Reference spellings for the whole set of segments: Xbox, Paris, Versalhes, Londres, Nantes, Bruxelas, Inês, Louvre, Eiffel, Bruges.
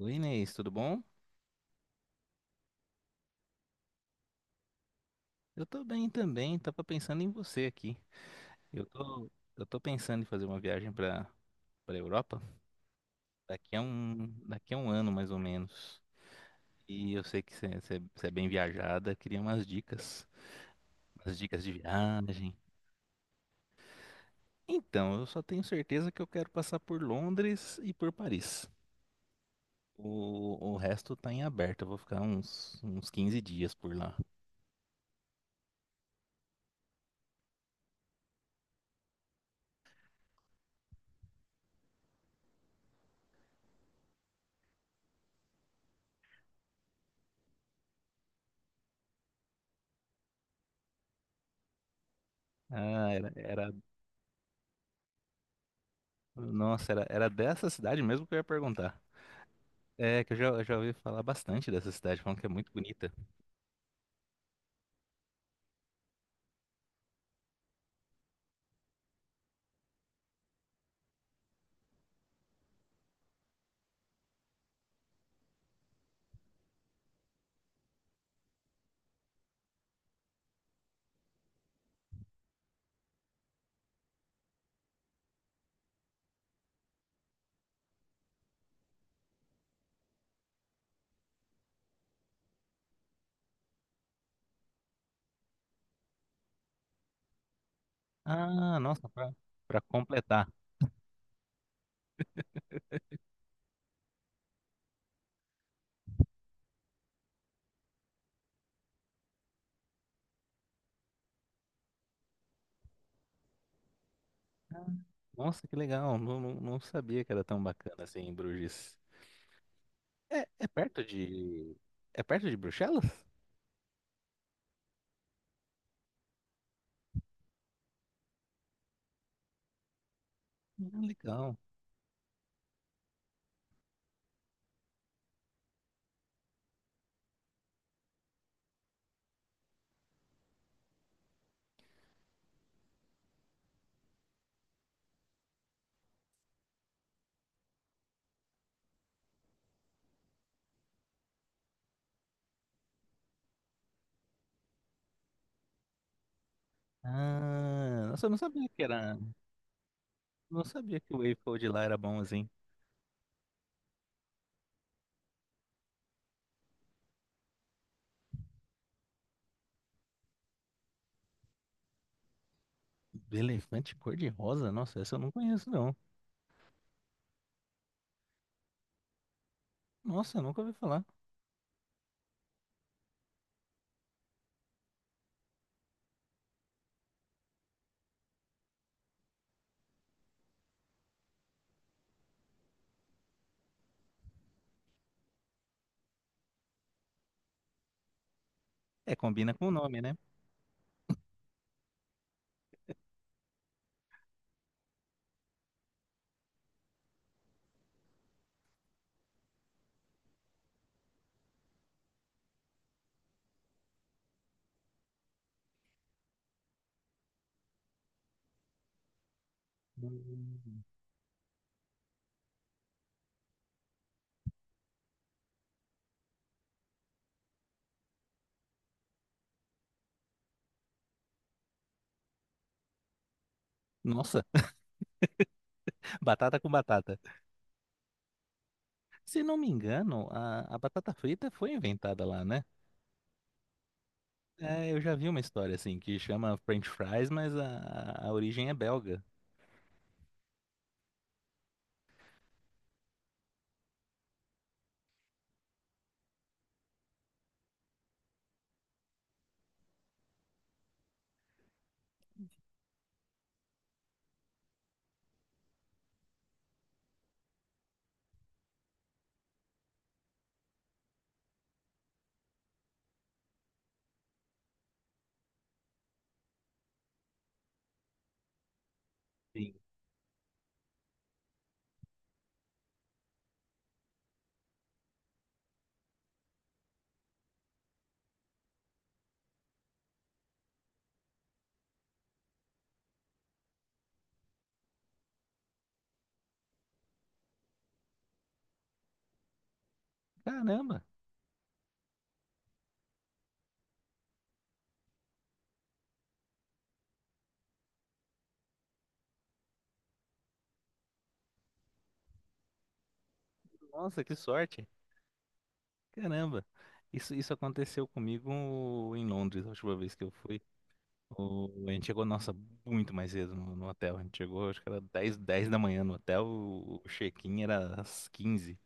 Oi, Inês, tudo bom? Eu tô bem também, tava pensando em você aqui. Eu tô, eu tô pensando em fazer uma viagem para para Europa daqui a um ano mais ou menos. E eu sei que você é bem viajada, queria umas dicas de viagem. Então, eu só tenho certeza que eu quero passar por Londres e por Paris. O resto tá em aberto, eu vou ficar uns 15 dias por lá. Ah, era, era, era dessa cidade mesmo que eu ia perguntar. É, que eu já ouvi falar bastante dessa cidade, falando que é muito bonita. Ah, nossa, pra, pra completar. Nossa, que legal. Não, não sabia que era tão bacana assim em Bruges. É, é perto de. É perto de Bruxelas? Ah, legal. Ah, nossa, eu não sabia que era. Não sabia que o Eiffel de lá era bom assim. Elefante cor-de-rosa? Nossa, essa eu não conheço, não. Nossa, eu nunca ouvi falar. É, combina com o nome, né? Hum. Nossa, batata com batata. Se não me engano, a batata frita foi inventada lá, né? É, eu já vi uma história assim que chama French fries, mas a origem é belga. Sim. Caramba! Nossa, que sorte! Caramba! Isso aconteceu comigo em Londres, a última vez que eu fui. A gente chegou, nossa, muito mais cedo no hotel. A gente chegou, acho que era dez da manhã no hotel, o check-in era às 15.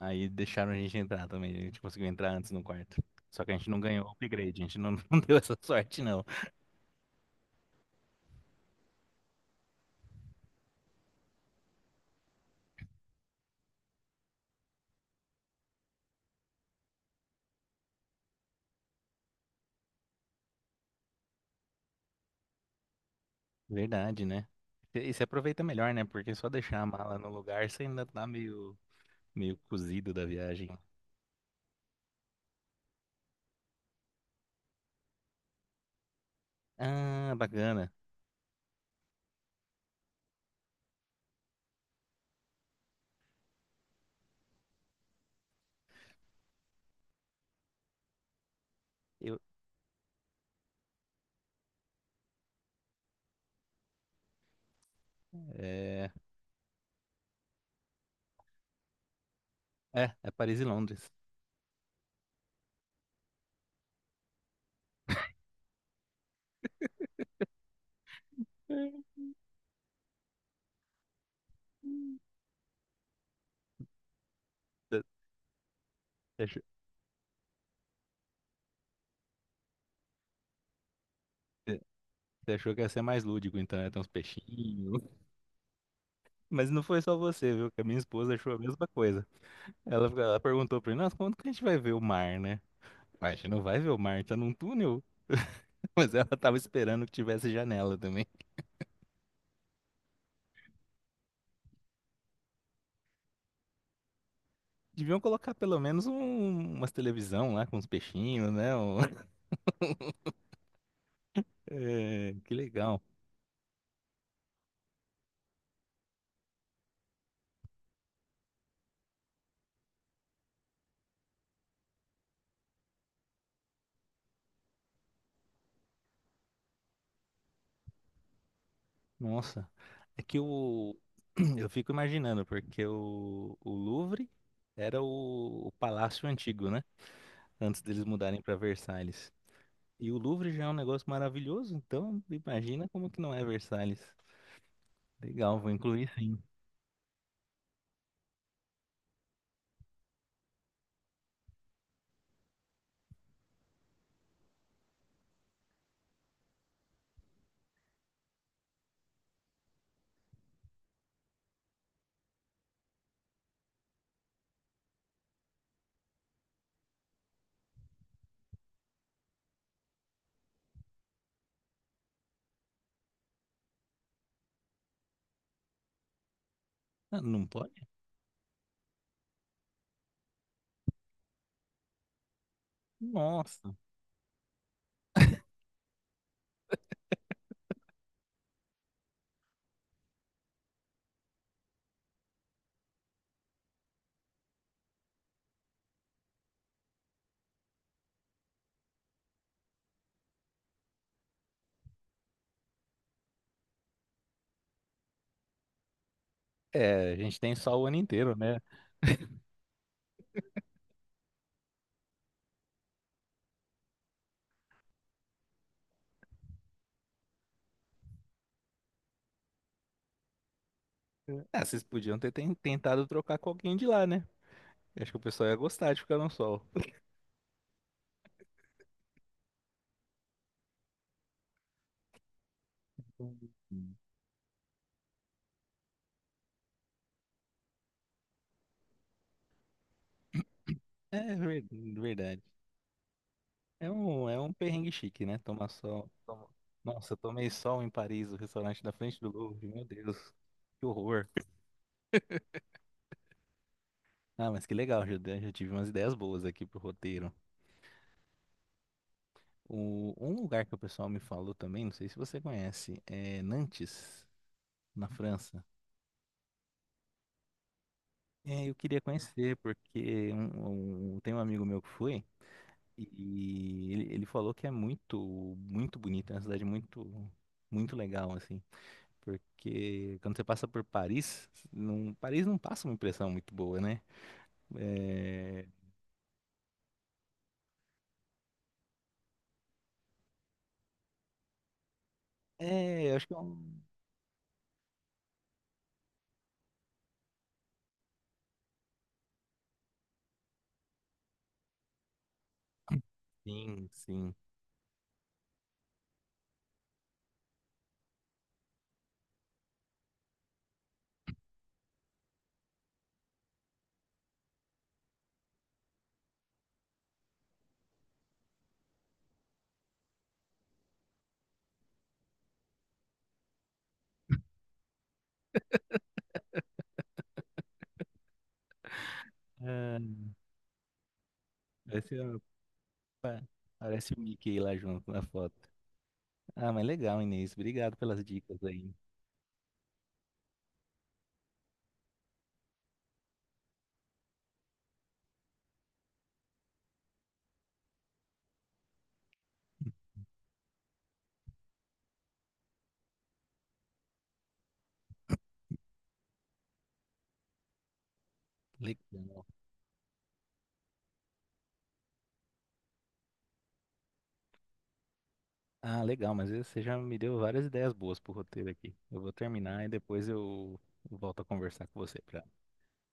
Aí deixaram a gente entrar também, a gente conseguiu entrar antes no quarto. Só que a gente não ganhou o upgrade, a gente não, não deu essa sorte, não. Verdade, né? E você aproveita melhor, né? Porque só deixar a mala no lugar, você ainda tá meio cozido da viagem. Ah, bacana. Eu, é, é Paris e Londres. Hum. Você você achou você você achou que ia ser mais lúdico, então, ia ter uns peixinhos. Mas não foi só você, viu? Que a minha esposa achou a mesma coisa. Ela perguntou pra mim, nossa, quando que a gente vai ver o mar, né? Mas a gente não vai ver o mar, tá num túnel. Mas ela tava esperando que tivesse janela também. Deviam colocar pelo menos umas televisão lá com uns peixinhos, né? É, que legal. Nossa. É que o... eu fico imaginando, porque o Louvre era o palácio antigo, né? Antes deles mudarem para Versalhes. E o Louvre já é um negócio maravilhoso, então imagina como que não é Versalhes. Legal, vou incluir sim. Ah, não pode? Nossa. É, a gente tem só o ano inteiro, né? Ah, vocês podiam ter tentado trocar com alguém de lá, né? Eu acho que o pessoal ia gostar de ficar no sol. É ver- verdade. É um perrengue chique, né? Tomar sol. Nossa, eu tomei sol em Paris, o restaurante da frente do Louvre. Meu Deus, que horror. Ah, mas que legal, já tive umas ideias boas aqui pro roteiro. O, um lugar que o pessoal me falou também, não sei se você conhece, é Nantes, na França. É, eu queria conhecer, porque tem um amigo meu que foi. E ele falou que é muito bonito, é uma cidade muito legal, assim. Porque quando você passa por Paris não passa uma impressão muito boa, né? É, eu acho que é Sim. É, parece, a- pa- parece o Mickey lá junto na foto. Ah, mas legal, Inês. Obrigado pelas dicas aí. Legal. Ah, legal, mas você já me deu várias ideias boas pro roteiro aqui. Eu vou terminar e depois eu volto a conversar com você. Pra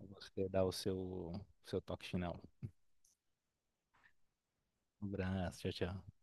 Você dá o seu toque final. Um abraço, tchau, tchau.